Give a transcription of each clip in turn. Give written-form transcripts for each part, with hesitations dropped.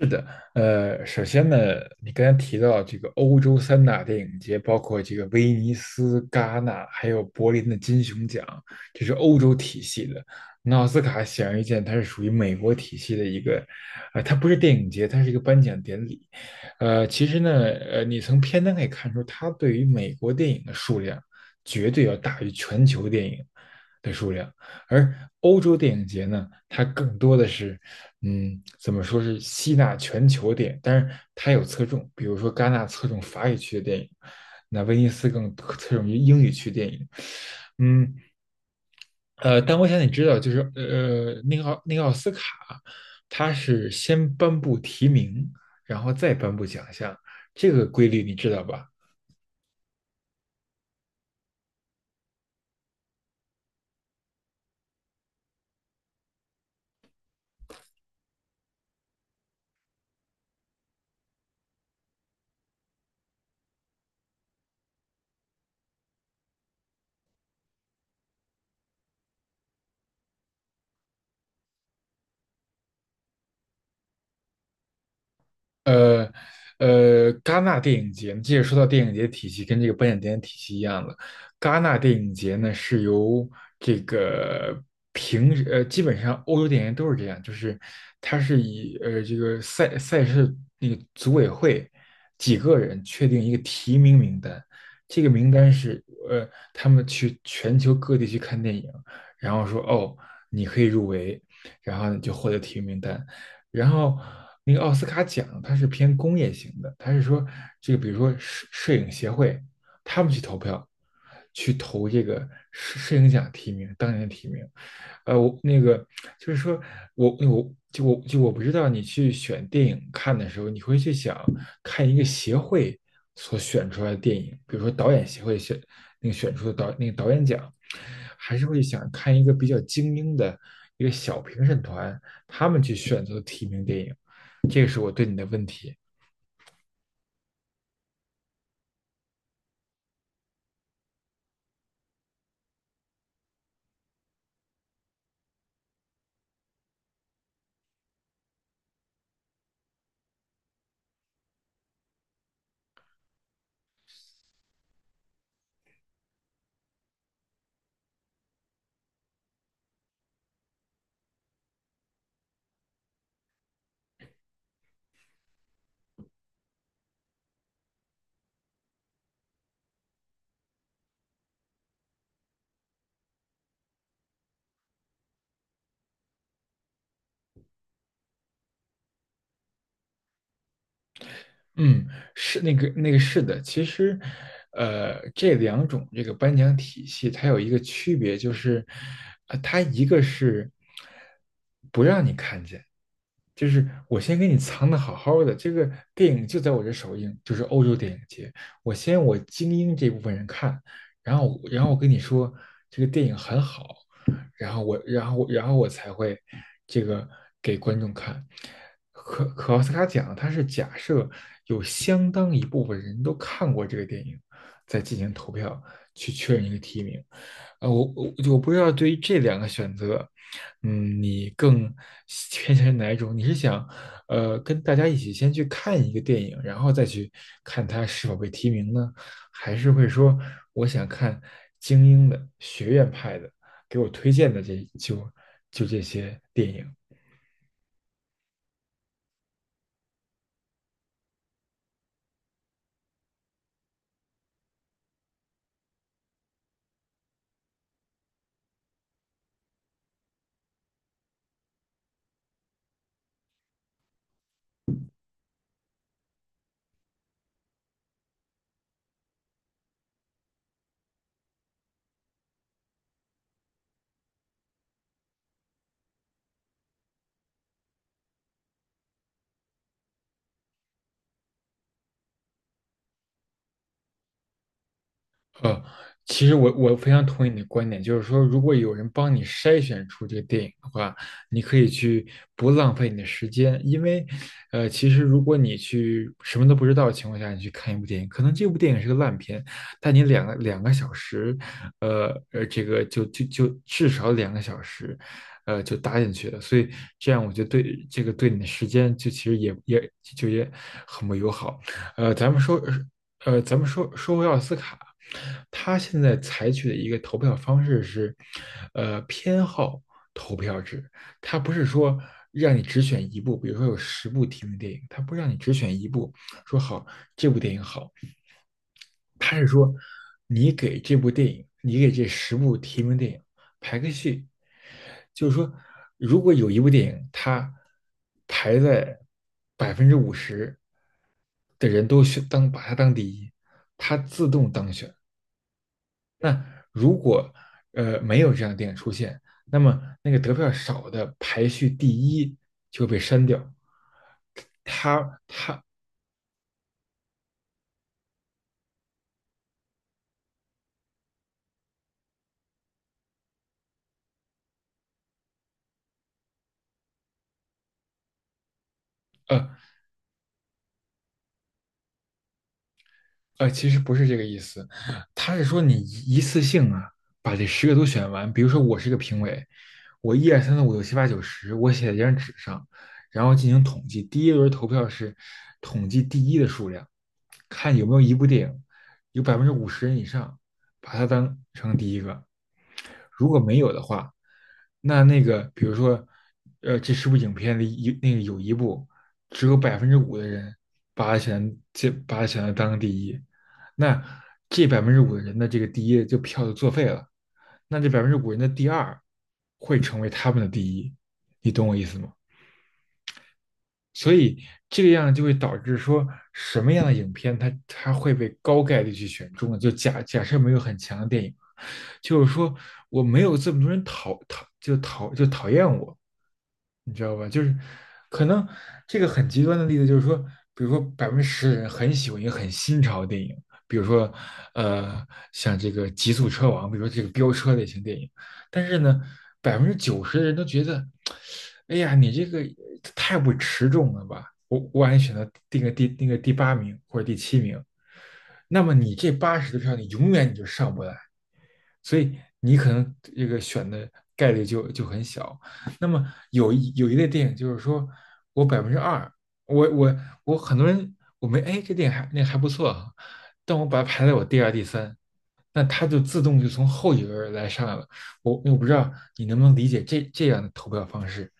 是的，首先呢，你刚才提到这个欧洲三大电影节，包括这个威尼斯、戛纳，还有柏林的金熊奖，这是欧洲体系的。那奥斯卡显而易见，它是属于美国体系的一个，它不是电影节，它是一个颁奖典礼。其实呢，你从片单可以看出，它对于美国电影的数量绝对要大于全球电影的数量，而欧洲电影节呢，它更多的是。嗯，怎么说是吸纳全球点，但是它有侧重，比如说戛纳侧重法语区的电影，那威尼斯更侧重于英语区电影。嗯，但我想你知道，就是那个奥斯卡，它是先颁布提名，然后再颁布奖项，这个规律你知道吧？呃戛纳电影节，接着说到电影节体系，跟这个颁奖典礼体系一样的。戛纳电影节呢，是由这个平时基本上欧洲电影节都是这样，就是它是以这个赛事那个组委会几个人确定一个提名名单，这个名单是他们去全球各地去看电影，然后说哦你可以入围，然后你就获得提名名单。然后那个奥斯卡奖它是偏工业型的，它是说这个比如说摄影协会他们去投票，去投这个摄影奖提名，当年的提名。呃，我那个就是说我不知道你去选电影看的时候，你会去想看一个协会所选出来的电影，比如说导演协会选那个选出的那个导演奖，还是会想看一个比较精英的一个小评审团他们去选择提名电影。这个是我对你的问题。嗯，是的，其实，这两种这个颁奖体系它有一个区别，就是，它一个是不就是我先给你藏的好好的，这个电影就在我这首映，就是欧洲电影节，我先我精英这部分人看，然后我跟你说这个电影很好，然后我，然后，然后我才会这个给观众看。可奥斯卡奖，它是假设有相当一部分人都看过这个电影，再进行投票去确认一个提名。呃，我我我不知道对于这两个选择，嗯，你更偏向于哪一种？你是想，跟大家一起先去看一个电影，然后再去看它是否被提名呢？还是会说我想看精英的学院派的，给我推荐的这就就这些电影。呃，其实我非常同意你的观点，就是说，如果有人帮你筛选出这个电影的话，你可以去不浪费你的时间，因为，其实如果你去什么都不知道的情况下，你去看一部电影，可能这部电影是个烂片，但你两个小时，这个就就就至少两个小时，就搭进去了，所以这样我觉得对你的时间其实也很不友好。呃，咱们说呃咱们说说回奥斯卡，他现在采取的一个投票方式是，偏好投票制，他不是说让你只选一部，比如说有十部提名的电影，他不让你只选一部，说好这部电影好，他是说你给这部电影，你给这十部提名电影排个序，就是说，如果有一部电影它排在百分之五十的人都选当把它当第一，它自动当选。那如果没有这样的电影出现，那么那个得票少的排序第一就会被删掉。它它呃呃，其实不是这个意思，他是说你一次性啊，把这十个都选完。比如说，我是一个评委，我一二三四五六七八九十，我写在一张纸上，然后进行统计。第一轮投票是统计第一的数量，看有没有一部电影有百分之五十人以上把它当成第一个。如果没有的话，那那个比如说，这十部影片里一那个有一部只有百分之五的人把它选择当第一。那这百分之五的人的这个第一就票就作废了，那这百分之五人的第二会成为他们的第一，你懂我意思吗？所以这个样就会导致说什么样的影片它会被高概率去选中呢？就假假设没有很强的电影，就是说我没有这么多人讨厌我，你知道吧？就是可能这个很极端的例子就是说，比如说10%的人很喜欢一个很新潮的电影，比如说呃像这个《极速车王》，比如说这个飙车类型电影，但是呢，90%的人都觉得，哎呀，你这个太不持重了吧？我感觉选择定个第八名或者第七名，那么你这80的票，你永远就上不来，所以你可能这个选的概率就很小。那么有一类电影就是说我2%，我我我很多人我没哎这电影还不错啊，但我把它排在我第二第三，那它就自动就从后一轮来上来了。我不知道你能不能理解这样的投票方式。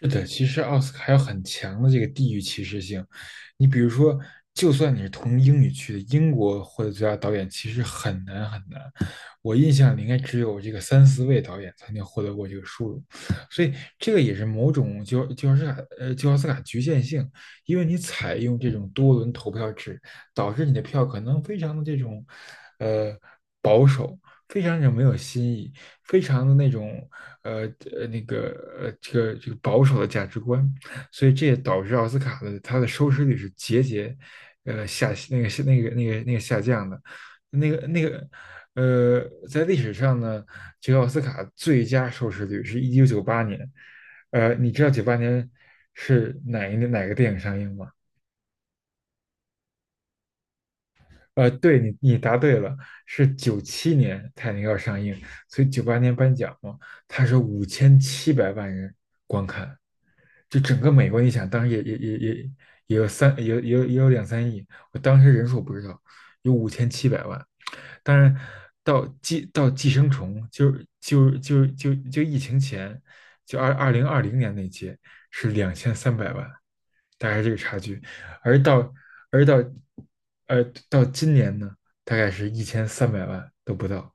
是的，其实奥斯卡还有很强的这个地域歧视性。你比如说，就算你是同英语区的，英国获得最佳导演其实很难很难。我印象里应该只有这个三四位导演才能获得过这个殊荣，所以这个也是某种就就奥斯卡呃就奥斯卡局限性，因为你采用这种多轮投票制，导致你的票可能非常的这种呃保守，非常的没有新意，非常的那种呃呃那个这个保守的价值观，所以这也导致奥斯卡的它的收视率是节节下降的，那个那个在历史上呢，这个奥斯卡最佳收视率是1998年，你知道九八年是哪一年哪个电影上映吗？对你答对了，是97年《泰坦尼克号》上映，所以九八年颁奖嘛，它是五千七百万人就整个美国，你想，当时也有三，也有两三亿，我当时人数不知道，有五千七百万。当然，到寄生虫，就疫情前，就2020年那届是2,300万，大概是这个差距。而到而到呃到今年呢，大概是1,300万都不到。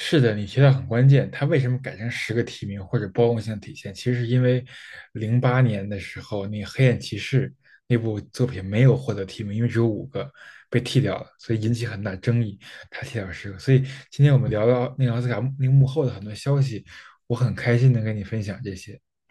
是的，你提到很关键。他为什么改成十个提名或者包容性的体现？其实是因为08年的时候，那个《黑暗骑士》那部作品没有获得提名，因为只有五个被剃掉了，所以引起很大争议。他剃掉十个，所以今天我们聊到那个奥斯卡那个幕后的很多消息，我很开心能跟你分享这些。